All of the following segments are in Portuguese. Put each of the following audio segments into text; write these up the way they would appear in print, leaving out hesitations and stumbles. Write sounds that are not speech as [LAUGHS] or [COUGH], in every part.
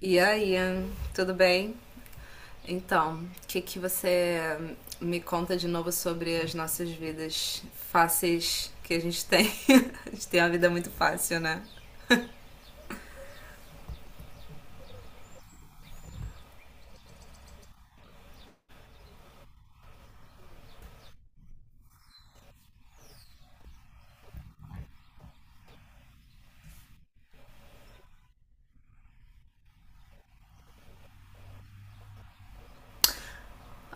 E aí, tudo bem? Então, o que que você me conta de novo sobre as nossas vidas fáceis que a gente tem? [LAUGHS] A gente tem uma vida muito fácil, né?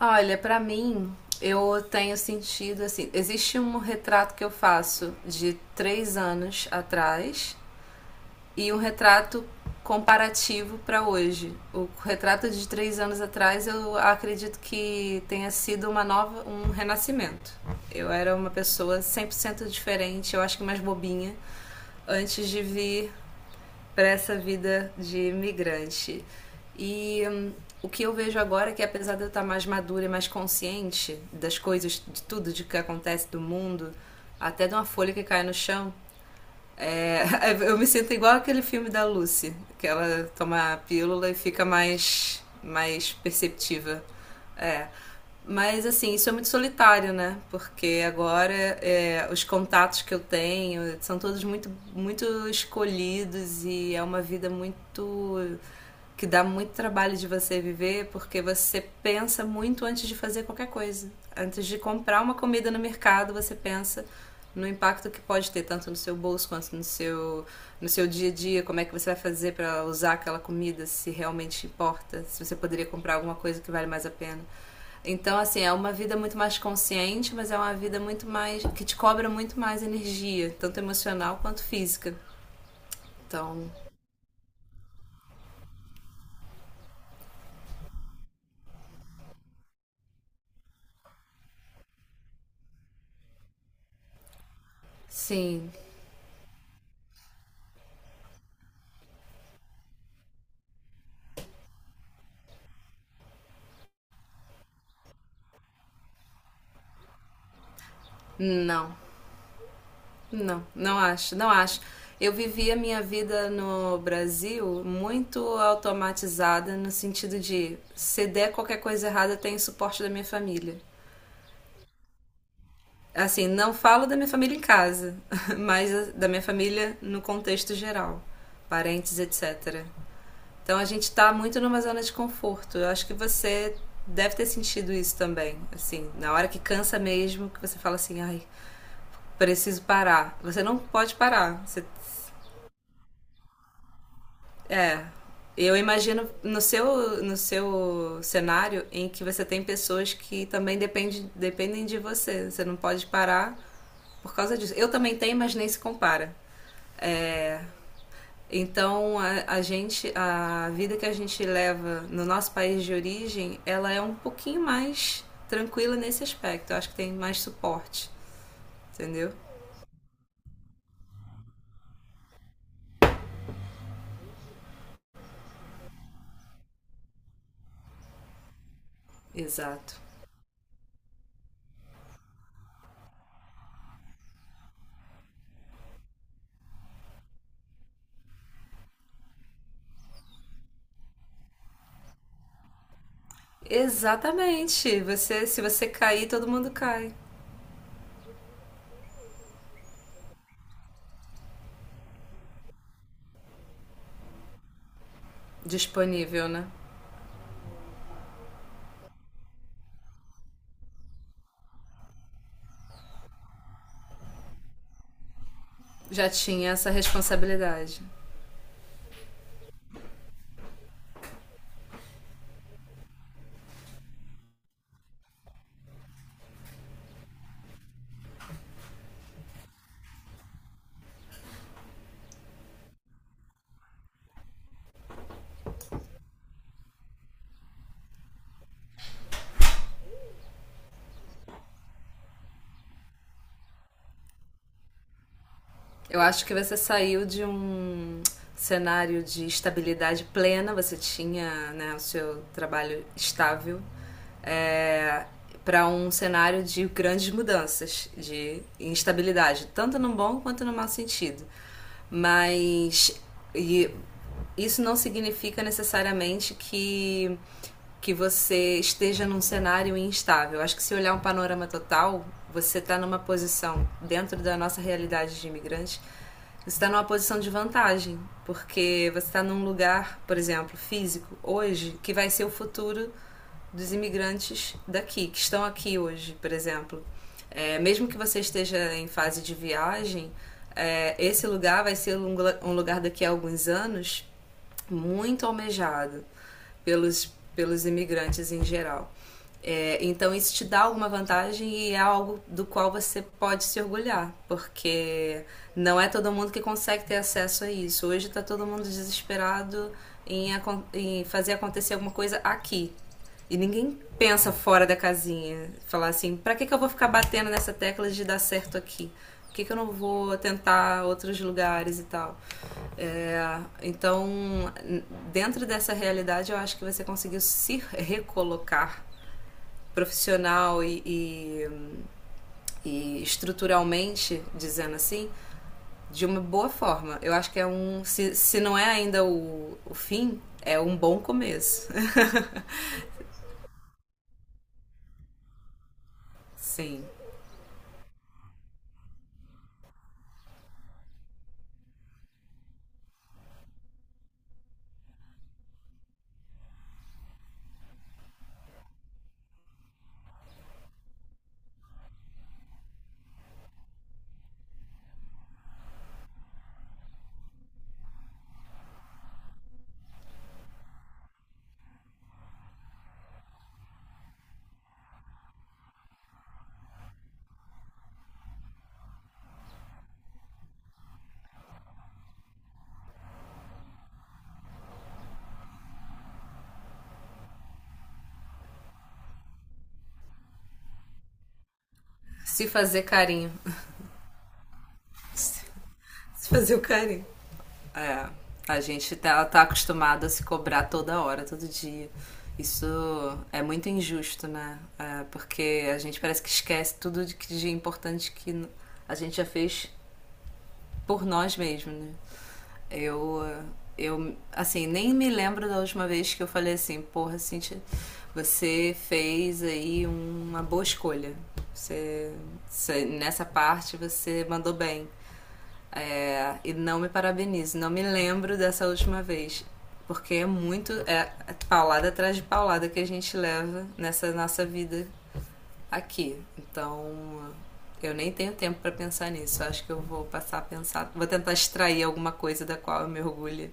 Olha, pra mim, eu tenho sentido assim. Existe um retrato que eu faço de três anos atrás e um retrato comparativo para hoje. O retrato de três anos atrás eu acredito que tenha sido uma nova, um renascimento. Eu era uma pessoa 100% diferente, eu acho que mais bobinha, antes de vir para essa vida de imigrante. E o que eu vejo agora é que apesar de eu estar mais madura e mais consciente das coisas, de tudo de que acontece do mundo, até de uma folha que cai no chão, é, [LAUGHS] eu me sinto igual aquele filme da Lucy, que ela toma a pílula e fica mais perceptiva. É. Mas assim, isso é muito solitário, né? Porque agora é, os contatos que eu tenho são todos muito escolhidos e é uma vida muito que dá muito trabalho de você viver, porque você pensa muito antes de fazer qualquer coisa. Antes de comprar uma comida no mercado, você pensa no impacto que pode ter tanto no seu bolso quanto no seu dia a dia, como é que você vai fazer para usar aquela comida se realmente importa, se você poderia comprar alguma coisa que vale mais a pena. Então, assim, é uma vida muito mais consciente, mas é uma vida muito mais que te cobra muito mais energia, tanto emocional quanto física. Então, sim, não. Não acho, não acho. Eu vivi a minha vida no Brasil muito automatizada, no sentido de se der qualquer coisa errada, tem suporte da minha família. Assim, não falo da minha família em casa, [LAUGHS] mas da minha família no contexto geral, parentes, etc. Então a gente tá muito numa zona de conforto. Eu acho que você deve ter sentido isso também. Assim, na hora que cansa mesmo, que você fala assim, ai, preciso parar. Você não pode parar. Você é. Eu imagino no seu cenário em que você tem pessoas que também depende, dependem de você. Você não pode parar por causa disso. Eu também tenho, mas nem se compara. Então a gente, a vida que a gente leva no nosso país de origem, ela é um pouquinho mais tranquila nesse aspecto. Eu acho que tem mais suporte, entendeu? Exato. Exatamente. Você, se você cair, todo mundo cai. Disponível, né? Já tinha essa responsabilidade. Eu acho que você saiu de um cenário de estabilidade plena, você tinha né, o seu trabalho estável, é, para um cenário de grandes mudanças, de instabilidade, tanto no bom quanto no mau sentido. Mas e isso não significa necessariamente que você esteja num cenário instável. Acho que se olhar um panorama total, você está numa posição, dentro da nossa realidade de imigrante, você está numa posição de vantagem, porque você está num lugar, por exemplo, físico, hoje, que vai ser o futuro dos imigrantes daqui, que estão aqui hoje, por exemplo. É, mesmo que você esteja em fase de viagem, é, esse lugar vai ser um lugar daqui a alguns anos muito almejado pelos imigrantes em geral. É, então, isso te dá alguma vantagem e é algo do qual você pode se orgulhar, porque não é todo mundo que consegue ter acesso a isso. Hoje está todo mundo desesperado em, em fazer acontecer alguma coisa aqui, e ninguém pensa fora da casinha. Falar assim, pra que, que eu vou ficar batendo nessa tecla de dar certo aqui? Por que, que eu não vou tentar outros lugares e tal? É, então, dentro dessa realidade, eu acho que você conseguiu se recolocar profissional e estruturalmente, dizendo assim, de uma boa forma. Eu acho que é um. Se não é ainda o fim, é um bom começo. [LAUGHS] Sim. Se fazer carinho. Se fazer o carinho. É, a gente tá acostumado a se cobrar toda hora, todo dia. Isso é muito injusto, né? É, porque a gente parece que esquece tudo de importante que a gente já fez por nós mesmos, né? Eu, eh, eu, assim, nem me lembro da última vez que eu falei assim, porra, Cintia, você fez aí uma boa escolha. Você, você- nessa parte você mandou bem. É, e não me parabenizo, não me lembro dessa última vez. Porque é muito. É paulada atrás de paulada que a gente leva nessa nossa vida aqui. Então, eu nem tenho tempo para pensar nisso. Eu acho que eu vou passar a pensar. Vou tentar extrair alguma coisa da qual eu me orgulho.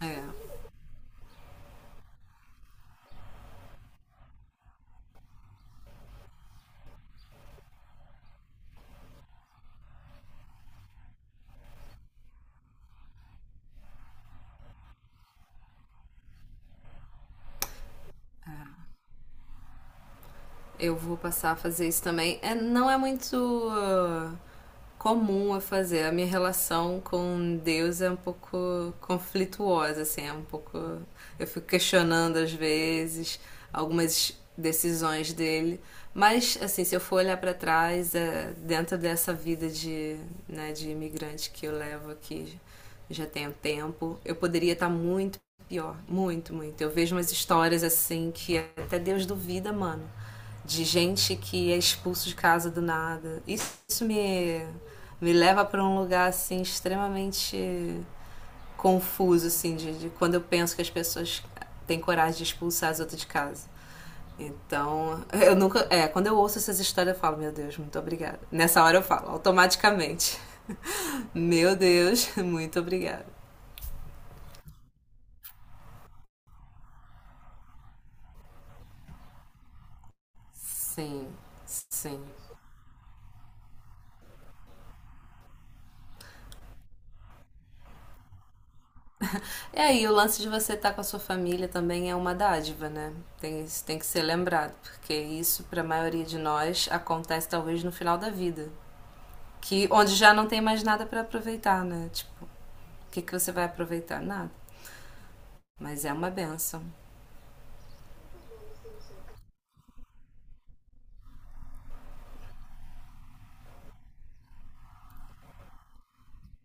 É, eu vou passar a fazer isso também. É, não é muito comum a fazer. A minha relação com Deus é um pouco conflituosa, assim, é um pouco. Eu fico questionando às vezes algumas decisões dele. Mas, assim, se eu for olhar para trás, é, dentro dessa vida de, né, de imigrante que eu levo aqui já tem um tempo, eu poderia estar muito pior, muito, muito. Eu vejo umas histórias assim que até Deus duvida, mano. De gente que é expulso de casa do nada. Isso me, me leva para um lugar assim extremamente confuso, assim, de quando eu penso que as pessoas têm coragem de expulsar as outras de casa. Então, [LAUGHS] eu nunca. É, quando eu ouço essas histórias, eu falo, meu Deus, muito obrigada. Nessa hora eu falo, automaticamente. [LAUGHS] Meu Deus, muito obrigada. Sim, sim. É aí, o lance de você estar com a sua família também é uma dádiva, né? Tem, isso tem que ser lembrado, porque isso, para a maioria de nós, acontece talvez no final da vida, que onde já não tem mais nada para aproveitar, né? Tipo, o que, que você vai aproveitar? Nada. Mas é uma benção.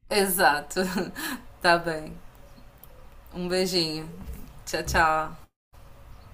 Exato. [LAUGHS] Tá bem. Um beijinho. Tchau, tchau.